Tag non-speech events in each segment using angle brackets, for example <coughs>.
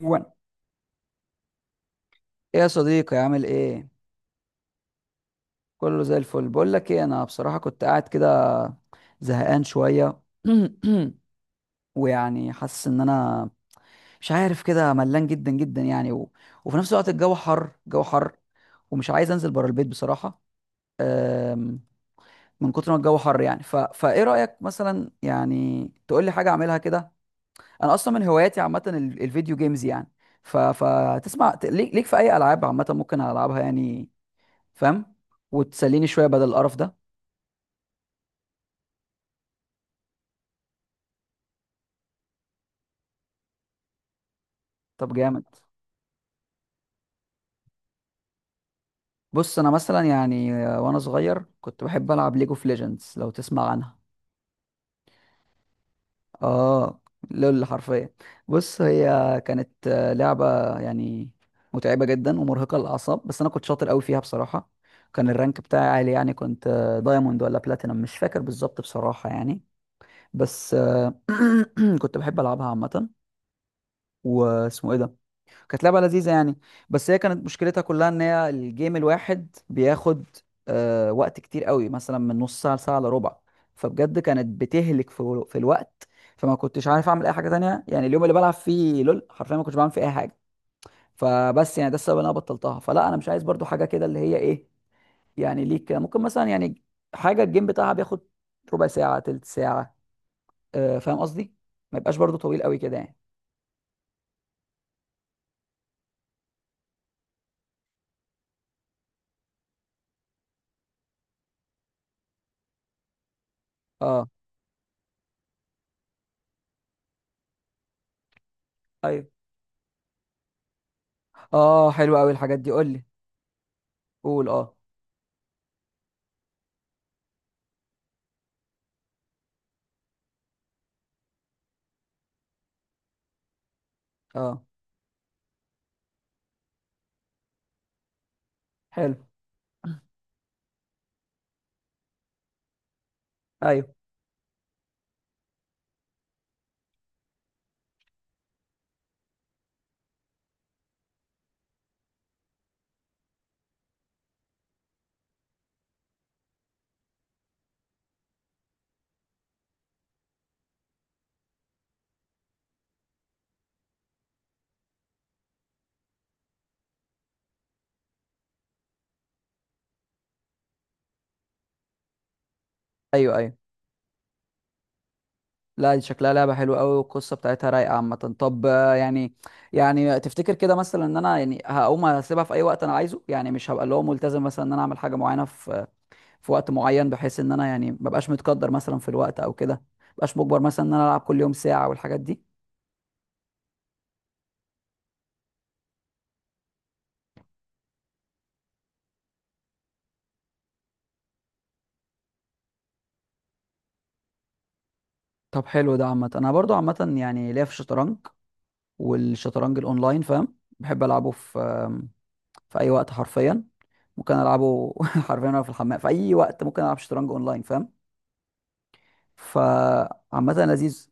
وان، ايه يا صديقي؟ عامل ايه؟ كله زي الفل. بقول لك ايه، انا بصراحه كنت قاعد كده زهقان شويه. <clears throat> ويعني حاسس ان انا مش عارف كده، ملان جدا جدا يعني وفي نفس الوقت الجو حر، الجو حر، ومش عايز انزل بره البيت بصراحه. أم، من كتر ما الجو حر يعني، فايه رايك مثلا يعني تقول لي حاجه اعملها كده؟ انا اصلا من هواياتي عامه الفيديو جيمز يعني، فتسمع، ليك في اي العاب عامه ممكن العبها يعني؟ فاهم؟ وتسليني شويه بدل القرف ده. طب جامد. بص، انا مثلا يعني وانا صغير كنت بحب العب ليج اوف ليجندز، لو تسمع عنها. اه، لول حرفيا. بص، هي كانت لعبه يعني متعبه جدا ومرهقه للاعصاب، بس انا كنت شاطر قوي فيها بصراحه. كان الرانك بتاعي عالي يعني، كنت دايموند ولا بلاتينم، مش فاكر بالظبط بصراحه يعني. بس <clears throat> كنت بحب العبها عامه. واسمه ايه ده، كانت لعبة لذيذة يعني. بس هي كانت مشكلتها كلها ان هي الجيم الواحد بياخد وقت كتير قوي، مثلا من نص ساعة لساعة الا ربع. فبجد كانت بتهلك في الوقت. فما كنتش عارف اعمل اي حاجة تانية يعني، اليوم اللي بلعب فيه لول حرفيا ما كنتش بعمل فيه اي حاجة. فبس يعني ده السبب اللي انا بطلتها. فلا، انا مش عايز برضو حاجة كده، اللي هي ايه يعني، ليك ممكن مثلا يعني حاجة الجيم بتاعها بياخد ربع ساعة، تلت ساعة، آه فاهم قصدي؟ ما يبقاش برضو طويل قوي كده يعني. اه. ايوه. اه، حلو قوي الحاجات دي، قول لي. قول، اه. اه، حلو. ايوه. ايوه. ايوه، لا دي شكلها لعبه حلوه قوي، والقصه بتاعتها رايقه عامه. طب يعني، يعني تفتكر كده مثلا ان انا يعني هقوم اسيبها في اي وقت انا عايزه يعني؟ مش هبقى اللي هو ملتزم مثلا ان انا اعمل حاجه معينه في وقت معين، بحيث ان انا يعني مبقاش متقدر مثلا في الوقت او كده، مبقاش مجبر مثلا ان انا العب كل يوم ساعه والحاجات دي. طب حلو ده. عامه انا برضو عامه يعني ليا في الشطرنج والشطرنج الاونلاين فاهم، بحب العبه في في اي وقت حرفيا. ممكن العبه <laughs> حرفيا وانا في الحمام، في اي وقت ممكن العب شطرنج اونلاين فاهم، فعامة لذيذ.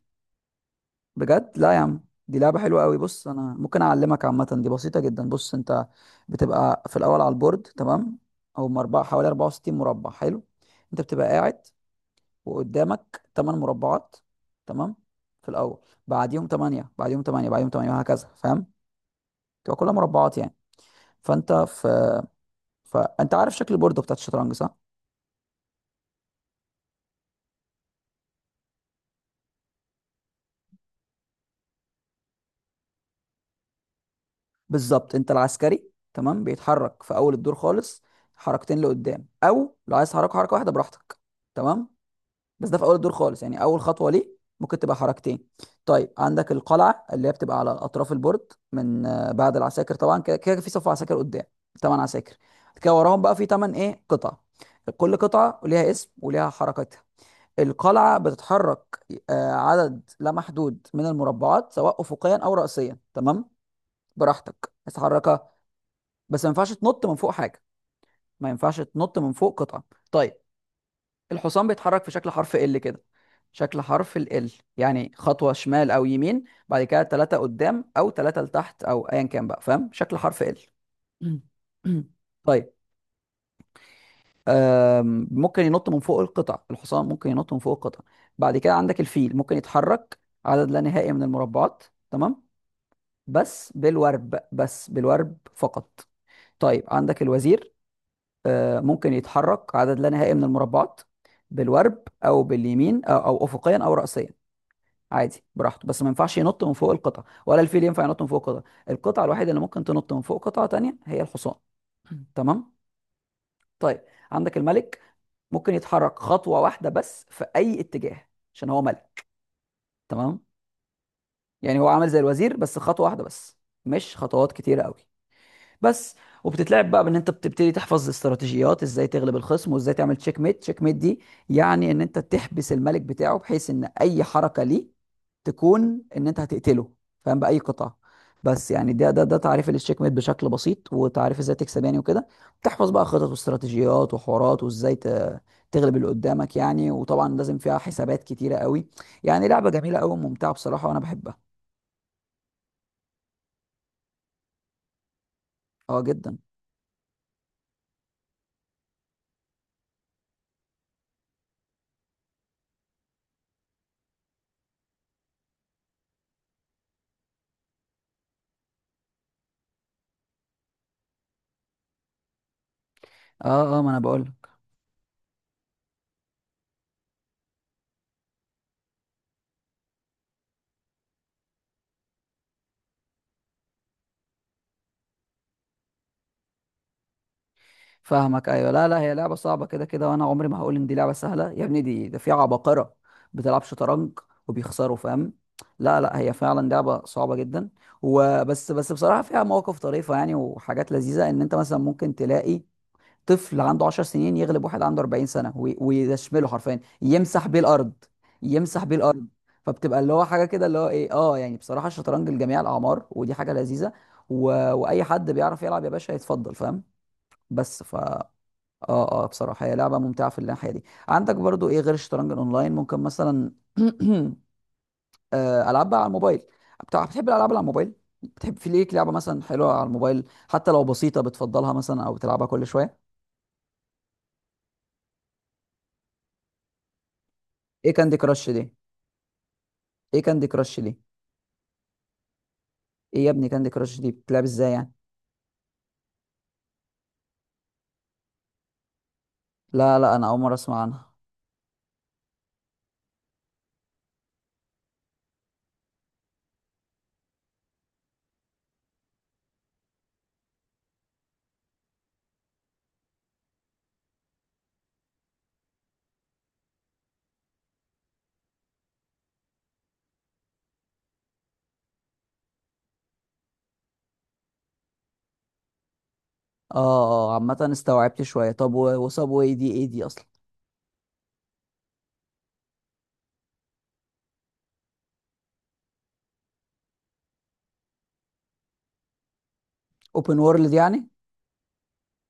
بجد؟ لا يا عم، دي لعبة حلوة قوي. بص انا ممكن اعلمك، عامة دي بسيطة جدا. بص، انت بتبقى في الاول على البورد، تمام، او مربع حوالي 64 مربع. حلو. انت بتبقى قاعد وقدامك 8 مربعات، تمام، في الاول، بعديهم 8، بعديهم 8، بعديهم 8، وهكذا، فاهم، تبقى كلها مربعات يعني. فانت في فانت عارف شكل البورد بتاعت الشطرنج صح؟ بالظبط. انت العسكري، تمام، بيتحرك في اول الدور خالص حركتين لقدام، او لو عايز تحرك حركه واحده براحتك، تمام. بس ده في اول الدور خالص يعني، اول خطوه ليه ممكن تبقى حركتين. طيب، عندك القلعه اللي هي بتبقى على اطراف البورد من بعد العساكر طبعا، كده كده في صف عساكر قدام، تمن عساكر، كده وراهم بقى في تمن ايه قطع. كل قطعه ليها اسم وليها حركتها. القلعه بتتحرك عدد لا محدود من المربعات، سواء افقيا او رأسيا، تمام، براحتك تتحرك. بس ما ينفعش تنط من فوق حاجه، ما ينفعش تنط من فوق قطعه. طيب، الحصان بيتحرك في شكل حرف ال كده، شكل حرف ال يعني خطوه شمال او يمين، بعد كده ثلاثه قدام او ثلاثه لتحت، او ايا كان بقى، فاهم شكل حرف ال. <clears throat> طيب، ممكن ينط من فوق القطع، الحصان ممكن ينط من فوق القطع. بعد كده عندك الفيل، ممكن يتحرك عدد لا نهائي من المربعات، تمام، بس بالورب، بس بالورب فقط. طيب، عندك الوزير، ممكن يتحرك عدد لا نهائي من المربعات، بالورب او باليمين، او افقيا او راسيا، عادي براحته. بس ما ينفعش ينط من فوق القطع، ولا الفيل ينفع ينط من فوق قطع. القطعه الوحيده اللي ممكن تنط من فوق قطعه تانية هي الحصان. <clears throat> تمام. طيب، عندك الملك، ممكن يتحرك خطوه واحده بس في اي اتجاه، عشان هو ملك، تمام. يعني هو عامل زي الوزير بس خطوه واحده بس، مش خطوات كتيره قوي بس. وبتتلعب بقى بان انت بتبتدي تحفظ استراتيجيات ازاي تغلب الخصم، وازاي تعمل تشيك ميت. تشيك ميت دي يعني ان انت تحبس الملك بتاعه، بحيث ان اي حركة ليه تكون ان انت هتقتله فاهم، بأي قطعة. بس يعني، ده تعريف للتشيك ميت بشكل بسيط، وتعريف ازاي تكسب يعني وكده. تحفظ بقى خطط واستراتيجيات وحوارات، وازاي تغلب اللي قدامك يعني، وطبعا لازم فيها حسابات كتيرة قوي. يعني لعبة جميلة قوي وممتعة بصراحة، وانا بحبها. اه جدا. اه اه، ما انا بقول. فاهمك ايوه. لا لا، هي لعبه صعبه كده كده، وانا عمري ما هقول ان دي لعبه سهله. يا ابني دي، ده في عباقره بتلعب شطرنج وبيخسروا فاهم، لا لا، هي فعلا لعبه صعبه جدا. وبس بصراحه فيها مواقف طريفه يعني، وحاجات لذيذه، ان انت مثلا ممكن تلاقي طفل عنده 10 سنين يغلب واحد عنده 40 سنه، ويشمله حرفيا، يمسح بيه الارض، يمسح بيه الارض. فبتبقى اللي هو حاجه كده اللي هو ايه، اه يعني بصراحه الشطرنج لجميع الاعمار، ودي حاجه لذيذه و... واي حد بيعرف يلعب يا باشا يتفضل فاهم. بس ف اه. اه، بصراحة هي لعبة ممتعة في الناحية دي. عندك برضو ايه غير الشطرنج الاونلاين؟ ممكن مثلا <clears throat> العاب بقى على الموبايل بتاع، بتحب الالعاب اللي على الموبايل؟ بتحب، في ليك لعبة مثلا حلوة على الموبايل حتى لو بسيطة بتفضلها مثلا، او بتلعبها كل شوية؟ ايه كاندي كراش دي؟ ايه كاندي كراش دي؟ ايه يا ابني كاندي كراش دي بتلعب ازاي يعني؟ لا لا، انا اول مرة اسمع عنها. اه اه، عامة استوعبت شوية. طب وصاب واي دي ايه دي اصلا؟ اوبن وورلد يعني؟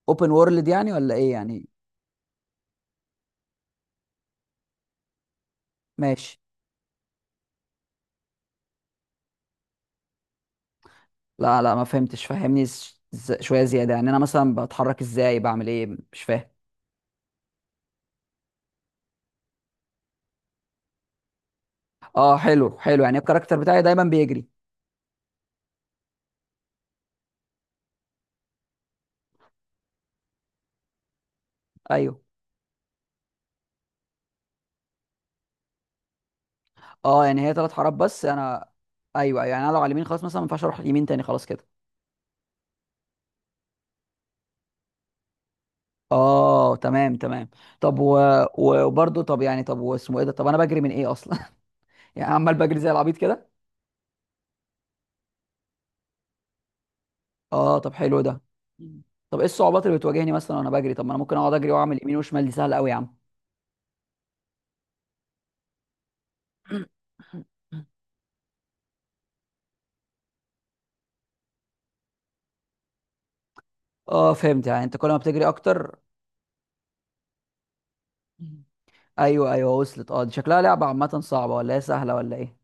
اوبن وورلد يعني ولا ايه يعني؟ ماشي. لا لا، ما فهمتش، فهمني شويه زياده يعني. انا مثلا بتحرك ازاي؟ بعمل ايه؟ مش فاهم. اه حلو، حلو. يعني الكاركتر بتاعي دايما بيجري؟ ايوه. اه، يعني هي ثلاث حارات بس انا. ايوه، أيوه، يعني انا لو على اليمين خلاص مثلا ما ينفعش اروح اليمين تاني خلاص كده. اه تمام، تمام. طب وبرضه، طب يعني، طب واسمه ايه ده، طب انا بجري من ايه اصلا؟ <laughs> يعني عمال بجري زي العبيط كده. اه طب حلو ده. مم. طب ايه الصعوبات اللي بتواجهني مثلا وانا بجري؟ طب ما انا ممكن اقعد اجري واعمل يمين وشمال، دي سهله قوي يا عم. <laughs> <coughs> اه فهمت، يعني انت كل ما بتجري اكتر. مم. ايوه ايوه وصلت. اه، دي شكلها لعبه عامه صعبه ولا هي سهله ولا ايه؟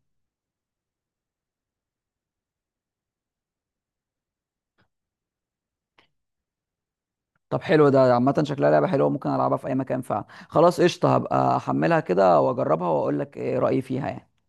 طب حلو ده. عامه شكلها لعبه حلوه، ممكن العبها في اي مكان فعلا. خلاص قشطه، هبقى احملها كده واجربها واقول لك ايه رايي فيها يعني.